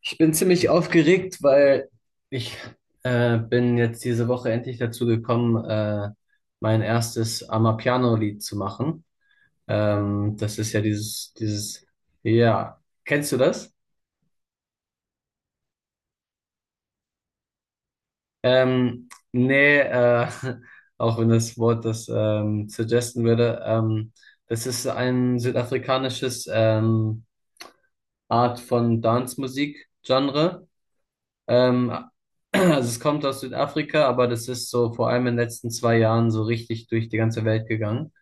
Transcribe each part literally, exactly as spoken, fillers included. Ich bin ziemlich aufgeregt, weil ich äh, bin jetzt diese Woche endlich dazu gekommen, äh, mein erstes Amapiano-Lied zu machen. Ähm, das ist ja dieses, dieses, ja, kennst du das? Ähm, nee, äh, auch wenn das Wort das ähm, suggesten würde. Ähm, das ist ein südafrikanisches ähm, Art von Dance-Musik-Genre. Ähm, also es kommt aus Südafrika, aber das ist so vor allem in den letzten zwei Jahren so richtig durch die ganze Welt gegangen.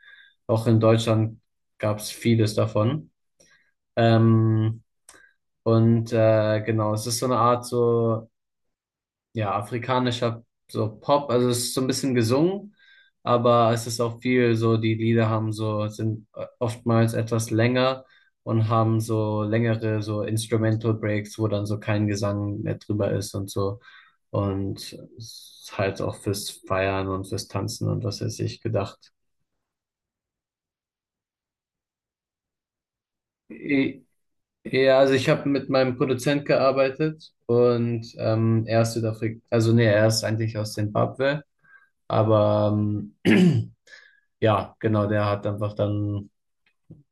Auch in Deutschland gab es vieles davon. Ähm, und äh, genau, es ist so eine Art so ja, afrikanischer so Pop, also es ist so ein bisschen gesungen, aber es ist auch viel so, die Lieder haben so, sind äh, oftmals etwas länger und haben so längere so Instrumental Breaks, wo dann so kein Gesang mehr drüber ist und so. Und es ist halt auch fürs Feiern und fürs Tanzen und was weiß ich gedacht. E- Ja, also ich habe mit meinem Produzent gearbeitet und ähm, er ist Südafrika, also nee, er ist eigentlich aus Zimbabwe, aber ähm, ja, genau, der hat einfach dann,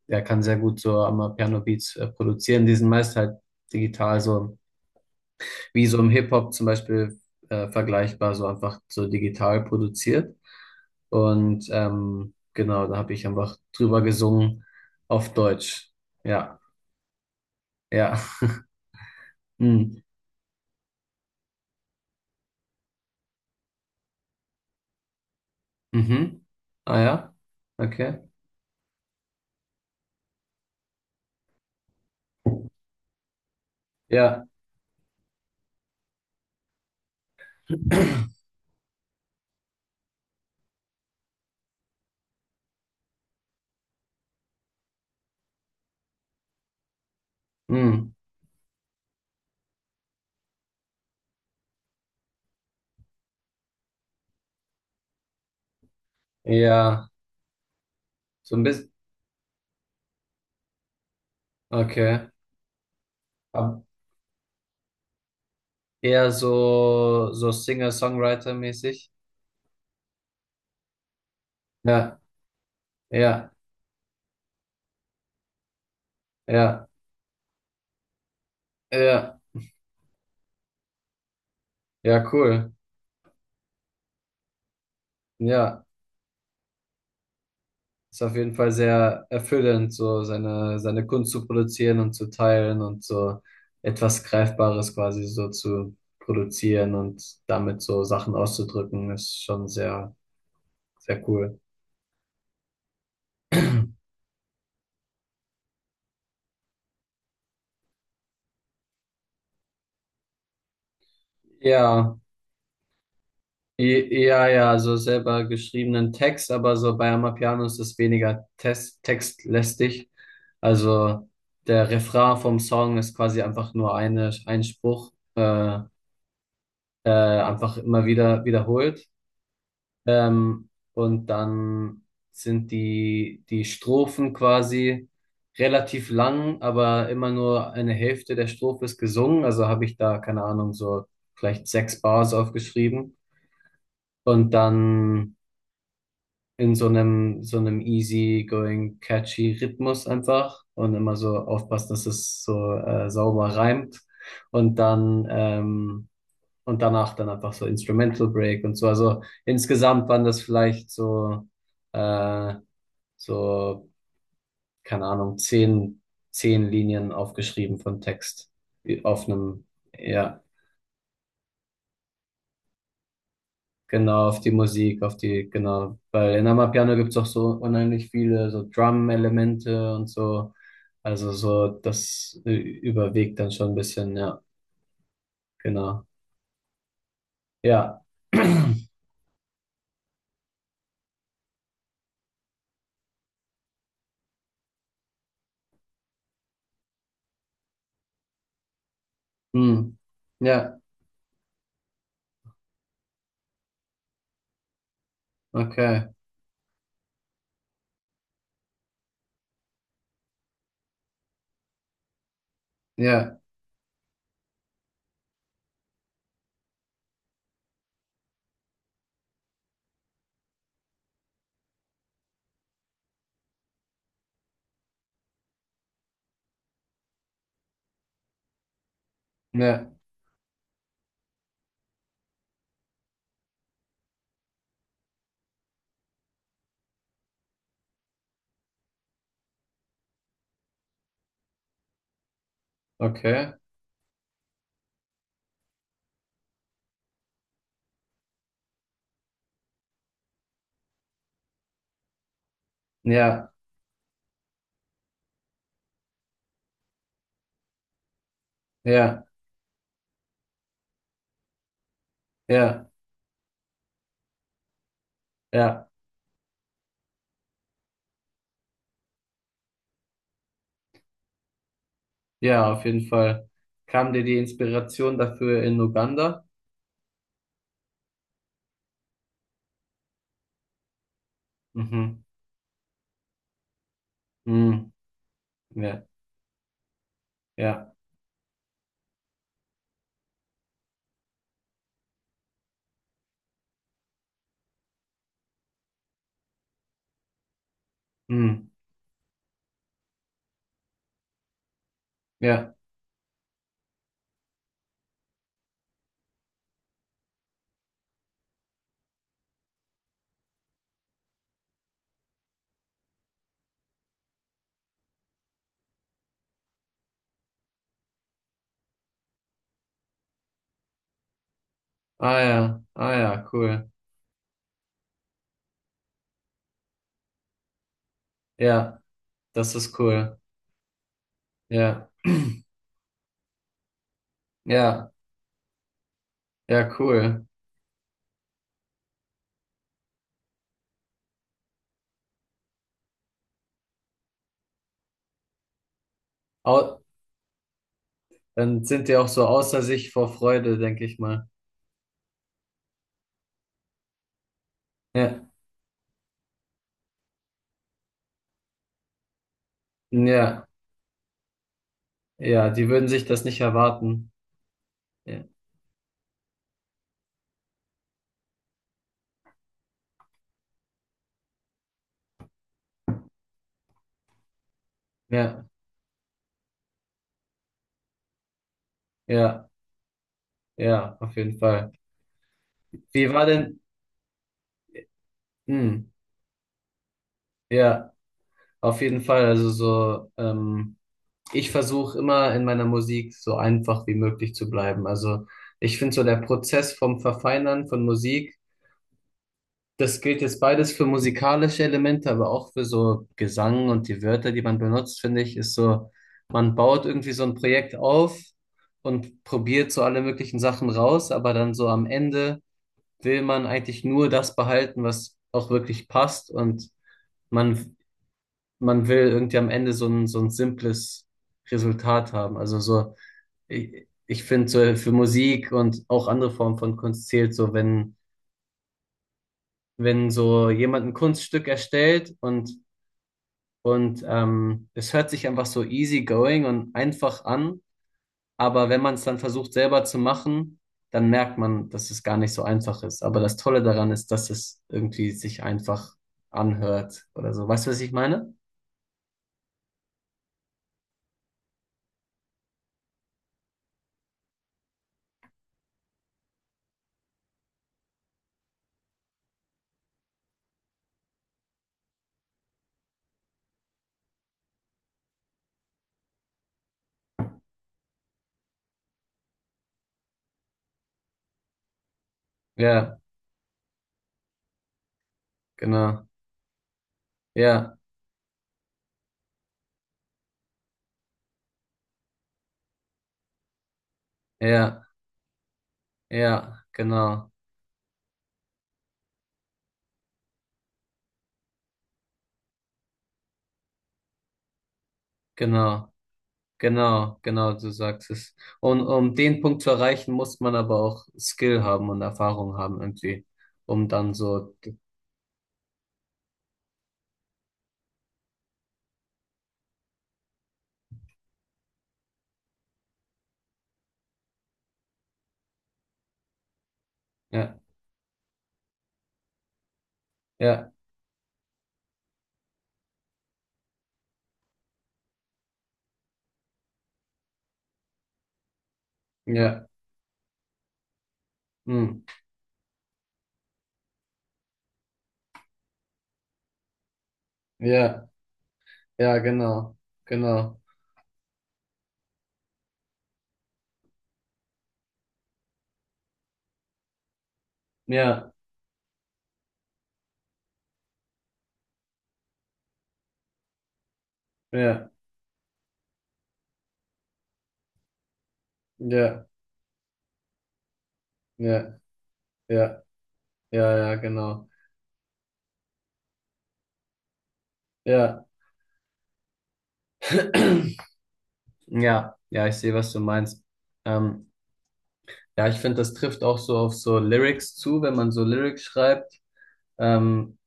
der kann sehr gut so am Piano Beats äh, produzieren. Die sind meist halt digital, so wie so im Hip-Hop zum Beispiel äh, vergleichbar, so einfach so digital produziert. Und ähm, genau, da habe ich einfach drüber gesungen auf Deutsch. Ja, ja. Mm. Mhm. Ah ja, okay. Ja. Hm, ja, so ein bisschen, okay. Ab- Eher so, so Singer-Songwriter-mäßig. Ja, ja, ja, ja, ja, cool. Ja, ist auf jeden Fall sehr erfüllend, so seine, seine Kunst zu produzieren und zu teilen und so etwas Greifbares quasi so zu produzieren und damit so Sachen auszudrücken, ist schon sehr, sehr cool. Ja. E- Ja, ja, so selber geschriebenen Text, aber so bei Amapiano ist es weniger test textlästig. Also der Refrain vom Song ist quasi einfach nur eine, ein Spruch, äh, äh, einfach immer wieder wiederholt. Ähm, und dann sind die, die Strophen quasi relativ lang, aber immer nur eine Hälfte der Strophe ist gesungen. Also habe ich da, keine Ahnung, so vielleicht sechs Bars aufgeschrieben. Und dann in so einem, so einem easy-going, catchy Rhythmus einfach und immer so aufpassen, dass es so äh, sauber reimt und dann ähm, und danach dann einfach so Instrumental Break und so. Also insgesamt waren das vielleicht so äh, so, keine Ahnung, zehn, zehn Linien aufgeschrieben von Text äh, auf einem, ja. Genau, auf die Musik, auf die, genau. Weil in Amapiano gibt's auch so unheimlich viele so Drum-Elemente und so. Also so, das äh, überwiegt dann schon ein bisschen, ja, genau. Ja. Hm. Ja, okay. Ja, ja, okay. Ja, ja, ja, ja, ja, auf jeden Fall. Kam dir die Inspiration dafür in Uganda? Mhm. Mhm. Ja, ja, mhm. Ja. Ah ja, ah ja, cool. Ja. Das ist cool. Ja, ja, ja, cool. Au, dann sind die auch so außer sich vor Freude, denke ich mal. Ja, ja, ja, die würden sich das nicht erwarten. Ja, ja, ja, ja, auf jeden Fall. Wie war denn, hm, ja, auf jeden Fall. Also so, ähm, ich versuche immer in meiner Musik so einfach wie möglich zu bleiben. Also ich finde so der Prozess vom Verfeinern von Musik. Das gilt jetzt beides für musikalische Elemente, aber auch für so Gesang und die Wörter, die man benutzt, finde ich, ist so, man baut irgendwie so ein Projekt auf und probiert so alle möglichen Sachen raus, aber dann so am Ende will man eigentlich nur das behalten, was auch wirklich passt und man, man will irgendwie am Ende so ein, so ein simples Resultat haben. Also so, ich, ich finde so für Musik und auch andere Formen von Kunst zählt so, wenn, wenn so jemand ein Kunststück erstellt und. Und ähm, es hört sich einfach so easy going und einfach an, aber wenn man es dann versucht selber zu machen, dann merkt man, dass es gar nicht so einfach ist. Aber das Tolle daran ist, dass es irgendwie sich einfach anhört oder so. Weißt du, was ich meine? Ja, genau. Ja, ja, ja, genau, genau, genau, genau, du sagst es. Und um den Punkt zu erreichen, muss man aber auch Skill haben und Erfahrung haben irgendwie, um dann so, ja, ja, ja. Hm. Ja, ja, genau, genau. Ja, ja, ja, ja, ja, ja, ja, genau. Ja, ja, ja, ich sehe, was du meinst. Ähm, ja, ich finde, das trifft auch so auf so Lyrics zu, wenn man so Lyrics schreibt. Ähm,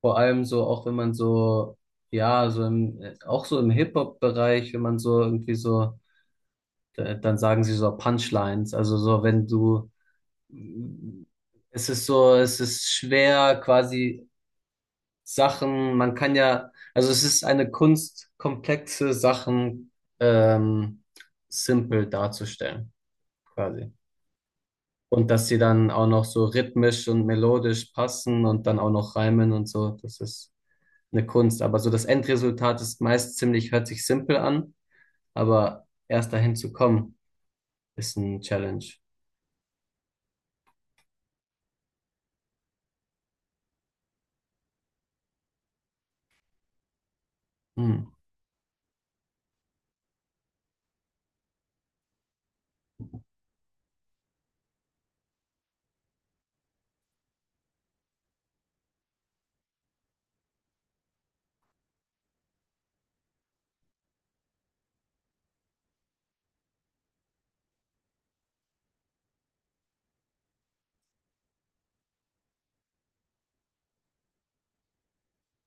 Vor allem so, auch wenn man so, ja, so im, auch so im Hip-Hop-Bereich, wenn man so irgendwie so, da- dann sagen sie so Punchlines. Also so, wenn du, es ist so, es ist schwer quasi Sachen, man kann ja, also es ist eine Kunst, komplexe Sachen ähm, simpel darzustellen, quasi. Und dass sie dann auch noch so rhythmisch und melodisch passen und dann auch noch reimen und so, das ist eine Kunst. Aber so das Endresultat ist meist ziemlich, hört sich simpel an, aber erst dahin zu kommen, ist ein Challenge. Hm.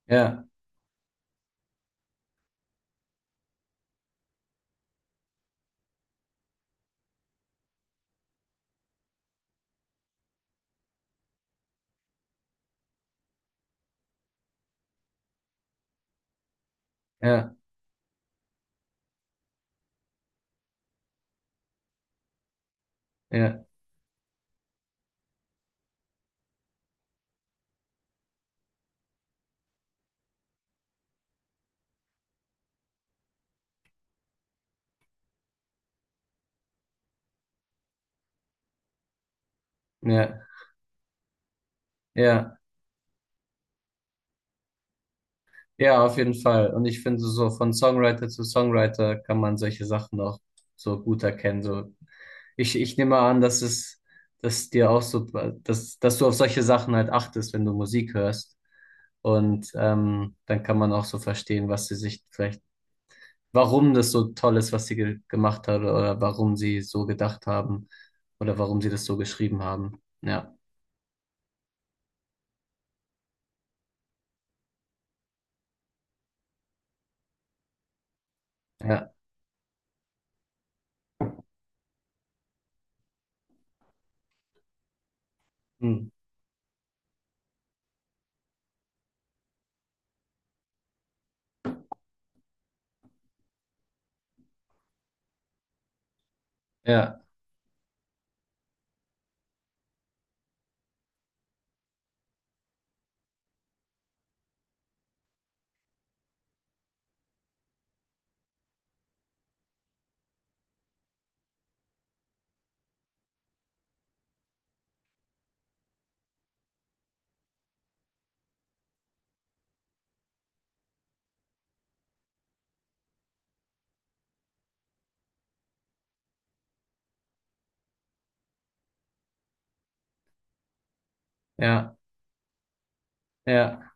Ja, ja, ja, ja, ja. Ja, auf jeden Fall. Und ich finde, so von Songwriter zu Songwriter kann man solche Sachen auch so gut erkennen. So, ich, ich nehme an, dass es, dass dir auch so, dass, dass du auf solche Sachen halt achtest, wenn du Musik hörst. Und ähm, dann kann man auch so verstehen, was sie sich vielleicht, warum das so toll ist, was sie ge gemacht hat oder warum sie so gedacht haben oder warum sie das so geschrieben haben. Ja, ja, hm. ja, ja, ja.